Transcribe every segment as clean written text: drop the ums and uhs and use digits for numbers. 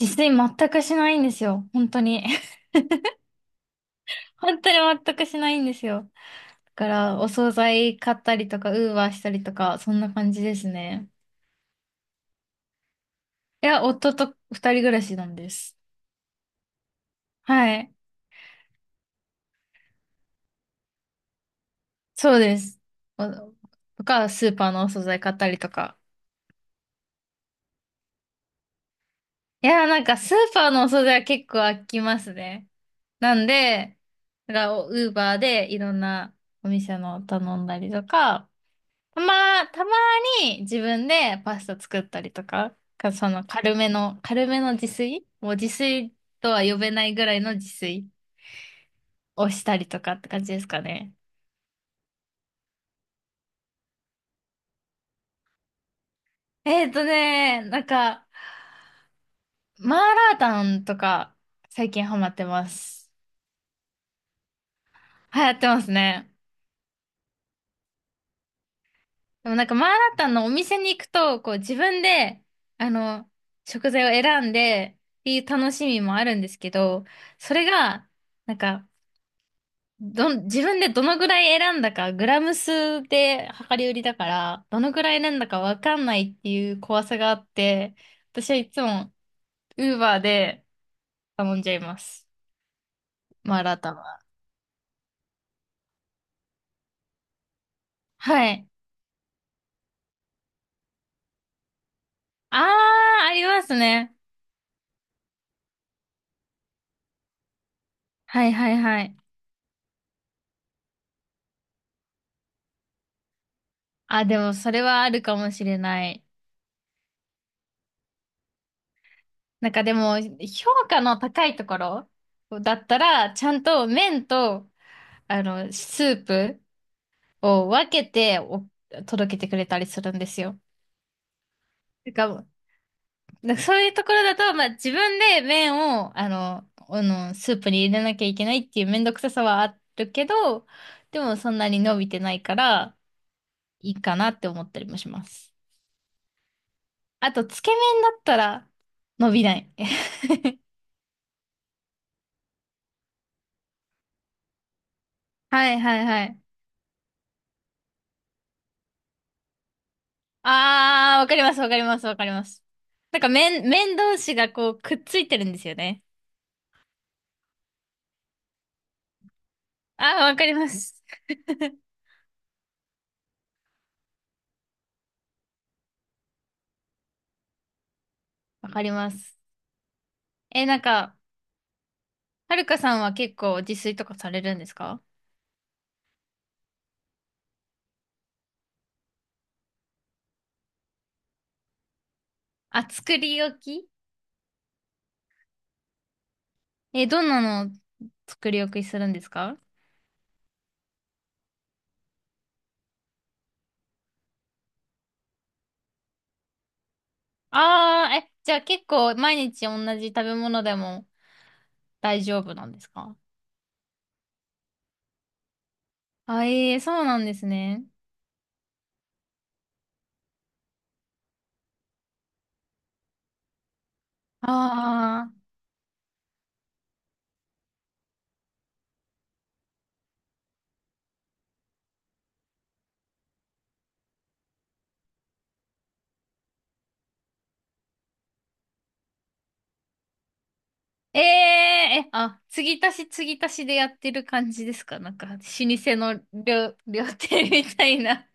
自炊全くしないんですよ。本当に。本当に全くしないんですよ。だから、お惣菜買ったりとか、ウーバーしたりとか、そんな感じですね。いや、夫と二人暮らしなんです。はい。そうです。おとか、スーパーのお惣菜買ったりとか。いや、なんか、スーパーのお惣菜は結構飽きますね。なんで、だから、ウーバーでいろんなお店の頼んだりとか、たまに自分でパスタ作ったりとか、その軽めの、もう自炊とは呼べないぐらいの自炊をしたりとかって感じですかね。なんか、マーラータンとか最近ハマってます。流行ってますね。でもなんかマーラータンのお店に行くと、こう自分で、あの、食材を選んでっていう楽しみもあるんですけど、それが、なんか、自分でどのぐらい選んだか、グラム数で量り売りだから、どのぐらい選んだかわかんないっていう怖さがあって、私はいつも、ウーバーで頼んじゃいます。マーラータは。はい。あー、ありますね。はいはいはい。あ、でもそれはあるかもしれない。なんかでも、評価の高いところだったら、ちゃんと麺と、スープを分けて届けてくれたりするんですよ。てかなんかそういうところだと、まあ自分で麺を、スープに入れなきゃいけないっていうめんどくささはあるけど、でもそんなに伸びてないから、いいかなって思ったりもします。あと、つけ麺だったら、伸びない。はいはいはい。あー、わかりますわかりますわかります。なんか麺同士がこうくっついてるんですよね。あー、わかります。わかります。え、なんか、はるかさんは結構自炊とかされるんですか？あ、作り置き。え、どんなの作り置きするんですか？ああー、え、じゃあ結構毎日同じ食べ物でも大丈夫なんですか？あ、えー、そうなんですね。ああ、えー、え、あ、継ぎ足し継ぎ足しでやってる感じですか？なんか、老舗の料亭みたいな。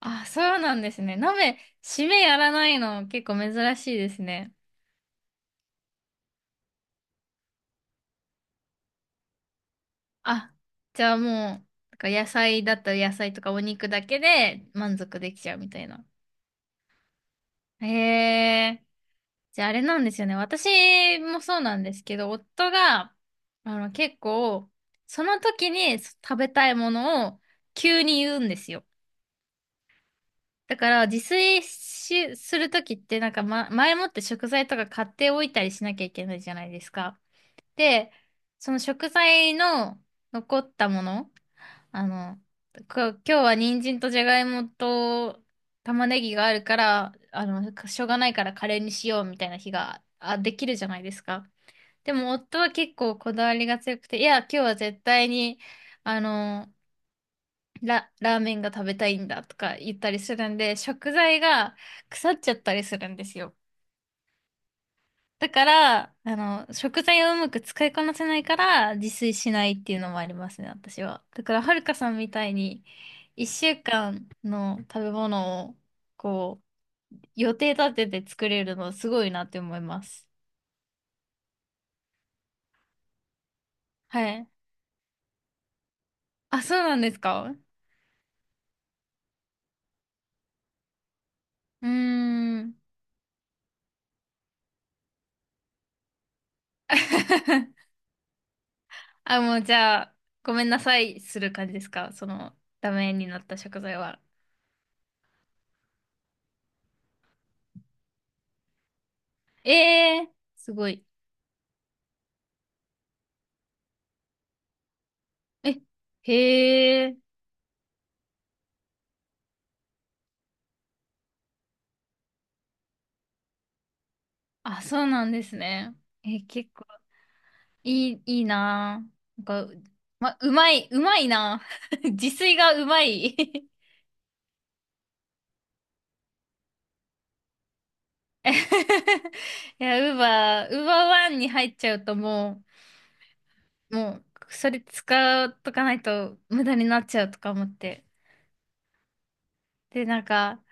あ、そうなんですね。鍋、締めやらないの結構珍しいですね。あ、じゃあもう、なんか野菜だったら野菜とかお肉だけで満足できちゃうみたいな。へえ。じゃああれなんですよね。私もそうなんですけど、夫が、結構、その時に食べたいものを急に言うんですよ。だから、自炊し、する時って、なんか、ま、前もって食材とか買っておいたりしなきゃいけないじゃないですか。で、その食材の残ったもの、あの、今日は人参とじゃがいもと玉ねぎがあるから、しょうがないからカレーにしようみたいな日が、できるじゃないですか。でも夫は結構こだわりが強くて、いや、今日は絶対に、あの、ラーメンが食べたいんだとか言ったりするんで、食材が腐っちゃったりするんですよ。だから、食材をうまく使いこなせないから自炊しないっていうのもありますね、私は。だから、はるかさんみたいに、1週間の食べ物を、こう、予定立てて作れるのすごいなって思います。はい。あ、そうなんですか？うーん。あ、もうじゃあ、ごめんなさいする感じですか、その、ダメになった食材は。ええー、すごい。え、へえ、あ、そうなんですね。え、結構。いいなぁ。なんか、ま、うまいなぁ。自炊がうまい。いや、ウーバーワンに入っちゃうともう、それ使うとかないと無駄になっちゃうとか思って。で、なんか、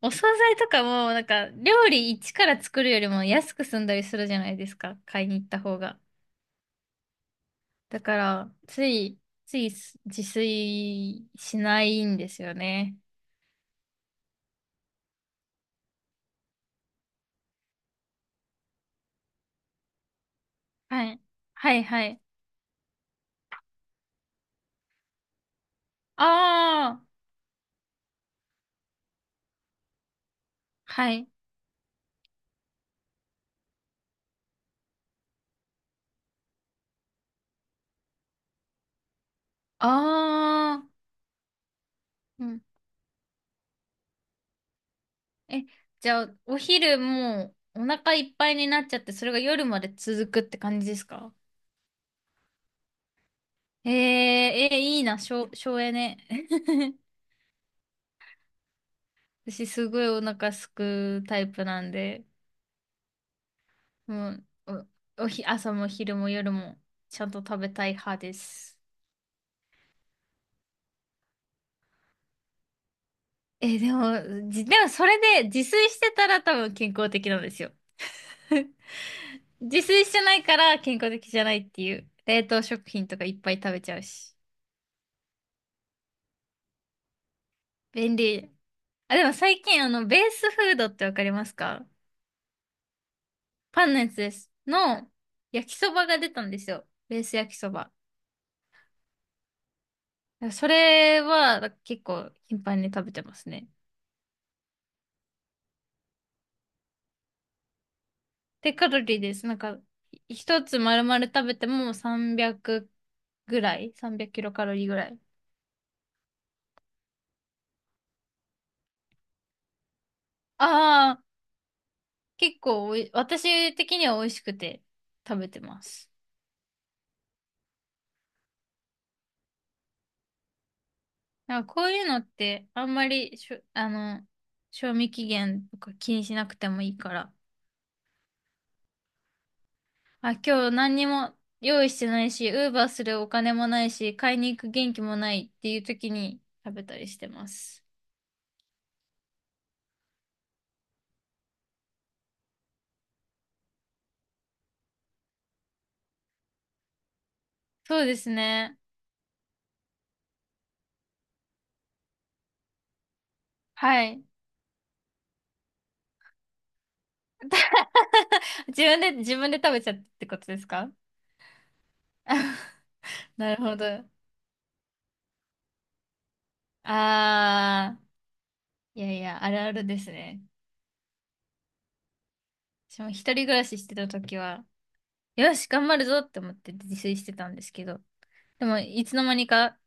お惣菜とかも、なんか、料理一から作るよりも安く済んだりするじゃないですか。買いに行った方が。だから、つい自炊しないんですよね。はい。はいはい。ああ、はい。ああ、うん。え、じゃあ、お昼もうお腹いっぱいになっちゃって、それが夜まで続くって感じですか？えー、えー、いいな、省エネ。私、すごいお腹すくタイプなんで、もう、お、おひ、朝も昼も夜もちゃんと食べたい派です。え、でも、でもそれで自炊してたら多分健康的なんですよ。自炊してないから健康的じゃないっていう。冷凍食品とかいっぱい食べちゃうし。便利。あ、でも最近ベースフードってわかりますか？パンのやつです。焼きそばが出たんですよ。ベース焼きそば。それは結構頻繁に食べてますね。で、カロリーです。なんか、一つ丸々食べても300ぐらい、 300 キロカロリーぐらい。ああ、結構私的には美味しくて食べてます。なんかこういうのってあんまりしょ、あの、賞味期限とか気にしなくてもいいから。あ、今日何にも用意してないし、ウーバーするお金もないし、買いに行く元気もないっていう時に食べたりしてます。そうですね。はい。自分で食べちゃってってことですか？ なるほど。あー、いやいや、あるあるですね。私も一人暮らししてた時は、よし、頑張るぞって思って自炊してたんですけど、でも、いつの間にか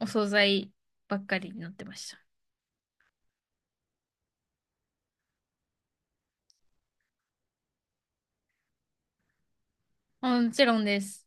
お惣菜ばっかりになってました。もちろんです。